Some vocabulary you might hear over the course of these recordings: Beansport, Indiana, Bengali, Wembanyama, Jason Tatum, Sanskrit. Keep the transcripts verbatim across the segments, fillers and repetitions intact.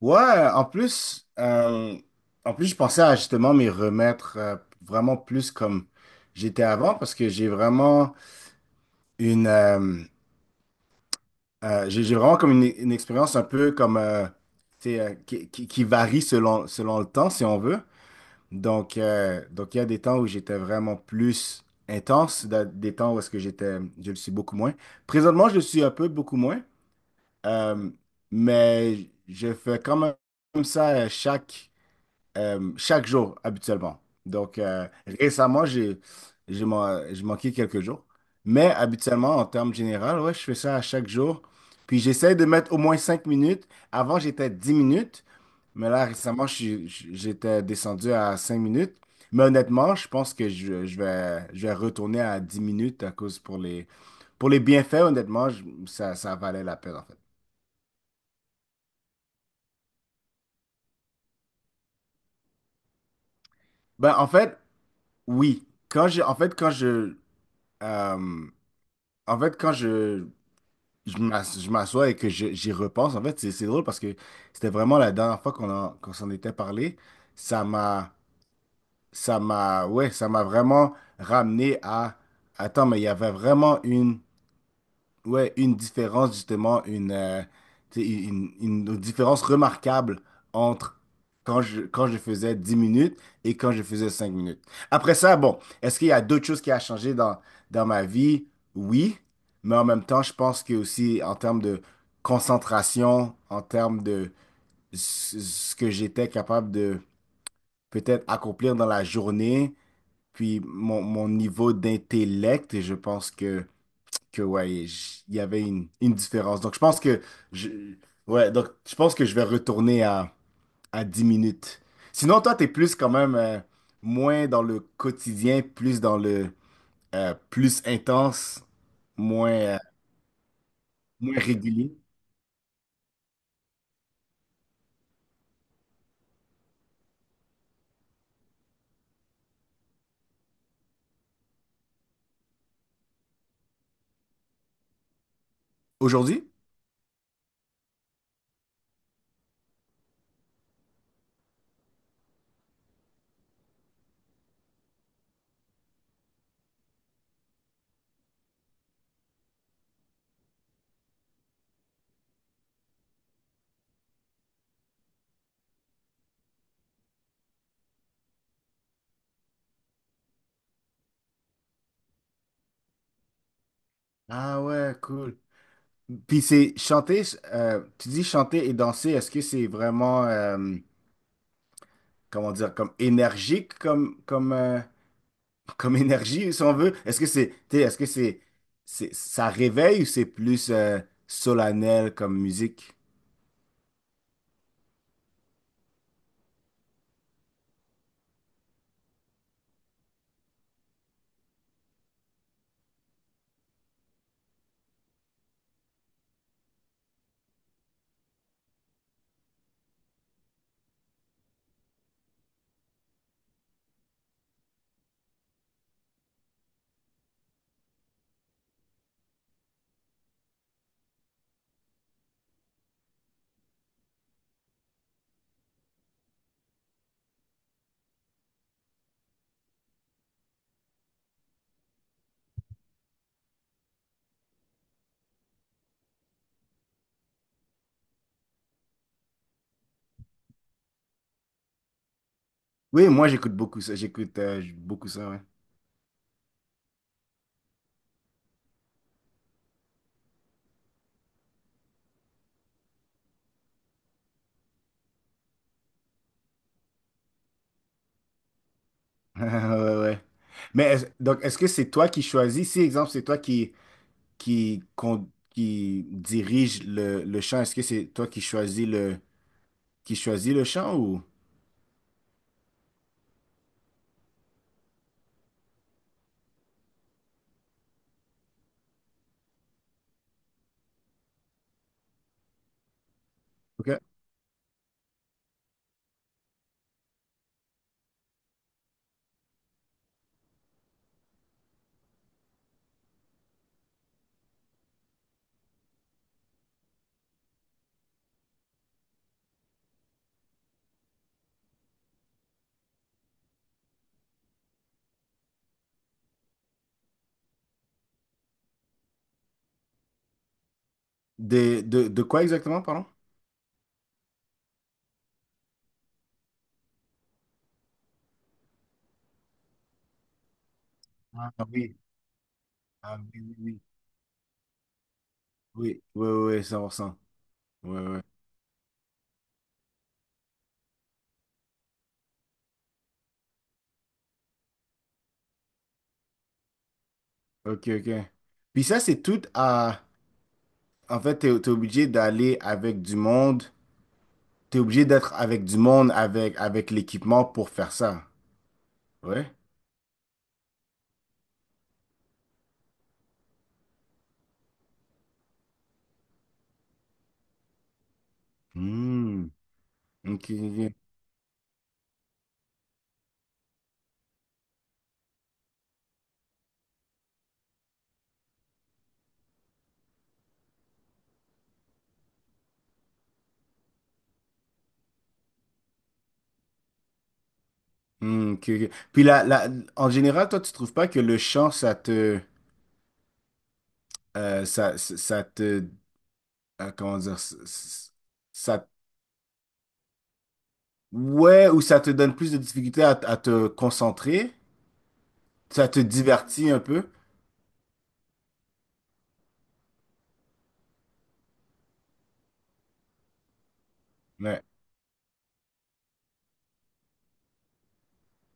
Ouais, en plus, euh, en plus, je pensais à justement m'y remettre, euh, vraiment plus comme j'étais avant, parce que j'ai vraiment une, euh, euh, j'ai j'ai vraiment comme une, une expérience un peu comme euh, tu sais, euh, qui, qui, qui varie selon, selon le temps, si on veut. Donc, euh, donc il y a des temps où j'étais vraiment plus intense, da- des temps où est-ce que j'étais, je le suis beaucoup moins. Présentement, je le suis un peu beaucoup moins, euh, mais je fais quand même ça, euh, chaque euh, chaque jour habituellement. Donc euh, récemment, j'ai j'ai man- j'ai manqué quelques jours. Mais habituellement, en termes généraux, ouais, je fais ça à chaque jour. Puis j'essaie de mettre au moins cinq minutes. Avant, j'étais à dix minutes. Mais là, récemment, je suis- je- j'étais descendu à cinq minutes. Mais honnêtement, je pense que je, je vais, je vais retourner à dix minutes, à cause pour les, pour les bienfaits. Honnêtement, je- ça, ça valait la peine en fait. Ben, en fait, oui. Quand j'ai, en fait, quand je, euh, En fait, quand je, je m'as- je m'assois et que je- j'y repense, en fait, c'est c'est drôle parce que c'était vraiment la dernière fois qu'on en- qu'on s'en était parlé. Ça m'a, ça m'a, ouais, ça m'a vraiment ramené à... Attends, mais il y avait vraiment une, ouais, une différence, justement, une, euh, tu sais, une, une- une différence remarquable entre quand je, quand je faisais dix minutes et quand je faisais cinq minutes. Après ça, bon, est-ce qu'il y a d'autres choses qui a changé dans, dans ma vie? Oui, mais en même temps, je pense que aussi en termes de concentration, en termes de ce ce que j'étais capable de peut-être accomplir dans la journée, puis mon, mon niveau d'intellect, je pense que que ouais, j- il y avait une, une différence. Donc je pense que je ouais, donc je pense que je vais retourner à à dix minutes. Sinon, toi, t'es plus quand même, euh, moins dans le quotidien, plus dans le, euh, plus intense, moins euh, moins régulier. Aujourd'hui? Ah ouais, cool. Puis c'est chanter... euh, tu dis chanter et danser, est-ce que c'est vraiment, euh, comment dire, comme énergique comme, comme, euh, comme énergie, si on veut? Est-ce que c'est, t'sais, est-ce que c'est, c'est, ça réveille, ou c'est plus euh, solennel comme musique? Oui, moi j'écoute beaucoup ça, j'écoute euh, beaucoup ça, ouais. Ouais, ouais. Mais est-ce- donc, est-ce que c'est toi qui choisis? Si, exemple, c'est toi qui, qui, con- qui dirige le, le chant, est-ce que c'est toi qui choisis le, qui choisis le chant, ou? OK. De, de, de quoi exactement, pardon? Ah oui, ah, oui, oui, oui, oui, oui, oui, cent pour cent. Ouais, ouais. Ok, ok. Puis ça, c'est tout à... En fait, t'es, t'es obligé d'aller avec du monde. T'es obligé d'être avec du monde, avec, avec l'équipement pour faire ça. Ouais? Hmm. Ok, ok. Hmm, ok, ok. Puis là, là, en général, toi, tu trouves pas que le chant, ça te... euh, ça, ça ça te... euh, comment dire? Ça, ça- ouais, ou ça te donne plus de difficulté à, à te concentrer? Ça te divertit un peu? Ouais.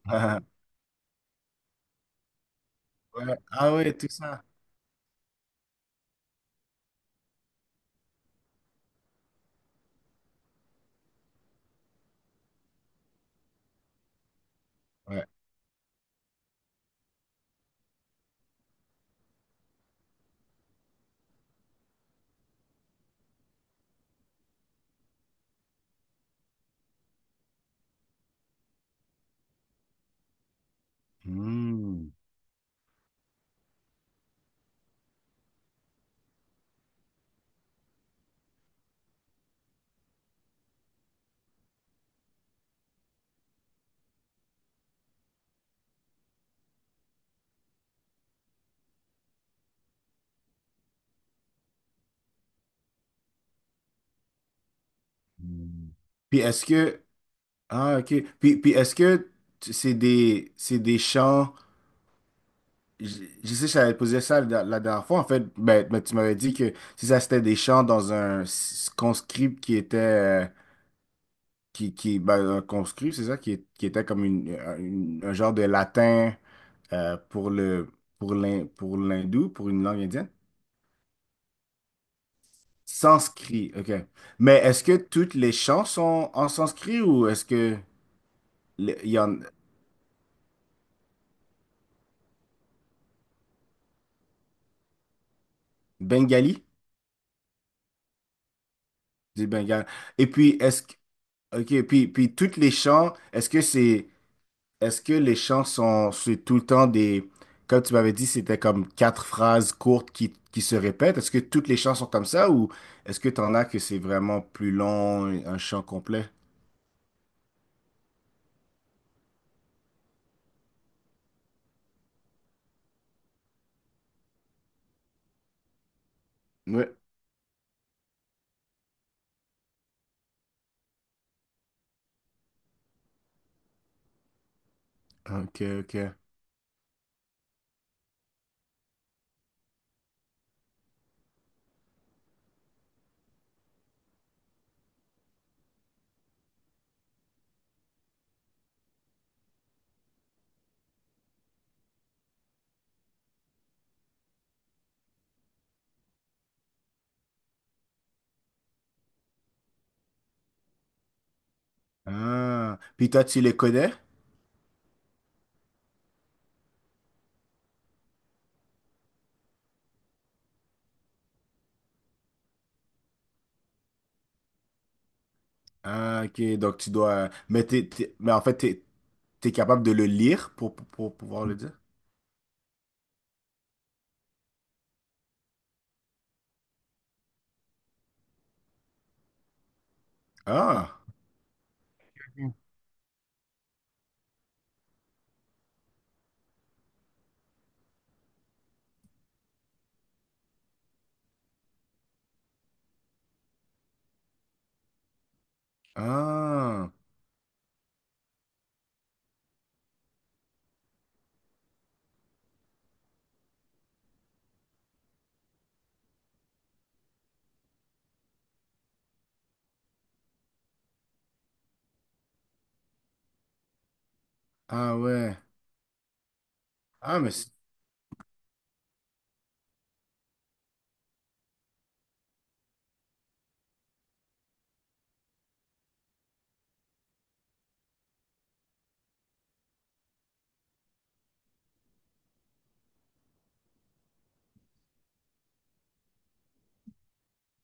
Ouais. Ah ouais, tout ça. Ouais. Hmm. Hmm. Puis est-ce que... ah ok, puis, puis est-ce que tu- c'est des c'est des chants... je, je sais que j'avais posé ça la, la dernière fois en fait. Ben, ben, tu m'avais dit que si ça c'était des chants dans un s- conscript qui était, euh, qui qui ben, un conscript, c'est ça qui, est- qui était comme une, un une- un genre de latin, euh, pour le... pour l'hin- pour l'hindou, pour une langue indienne. Sanskrit, ok. Mais est-ce que toutes les chants sont en sanskrit, ou est-ce que le- il y en... Bengali? Du Bengale. Et puis, est-ce que... OK, puis, puis toutes les chants, est-ce que c'est, est-ce que les chants sont, c'est tout le temps des, comme tu m'avais dit, c'était comme quatre phrases courtes qui, qui se répètent. Est-ce que toutes les chants sont comme ça, ou est-ce que t'en as que c'est vraiment plus long, un chant complet? Ouais. OK, OK. Ah. Puis toi, tu les connais? Ah, OK. Donc, tu dois, mais t'es, t'es- mais en fait, t'es t'es capable de le lire pour, pour, pour pouvoir le dire? Ah. Ah. Ah ouais. Ah, mais c'est-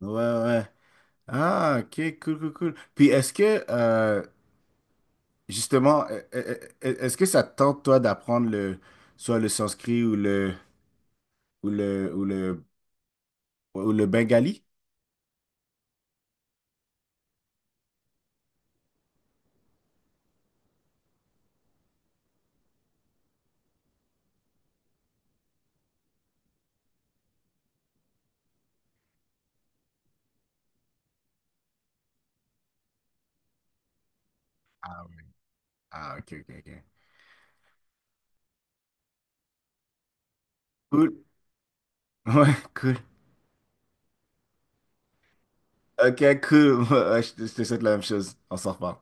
ouais, ouais. Ah, ok, cool, cool, cool. Puis est-ce que, euh, justement, e- e- e- e, est-ce que ça te tente, toi, d'apprendre le, soit le sanskrit ou le, ou le, ou le, ou le bengali? Ah, ok, ok, ok. Cool. Ouais, cool. Ok, cool. Ouais, ouais, je te je te souhaite la même chose. On s'en reparle.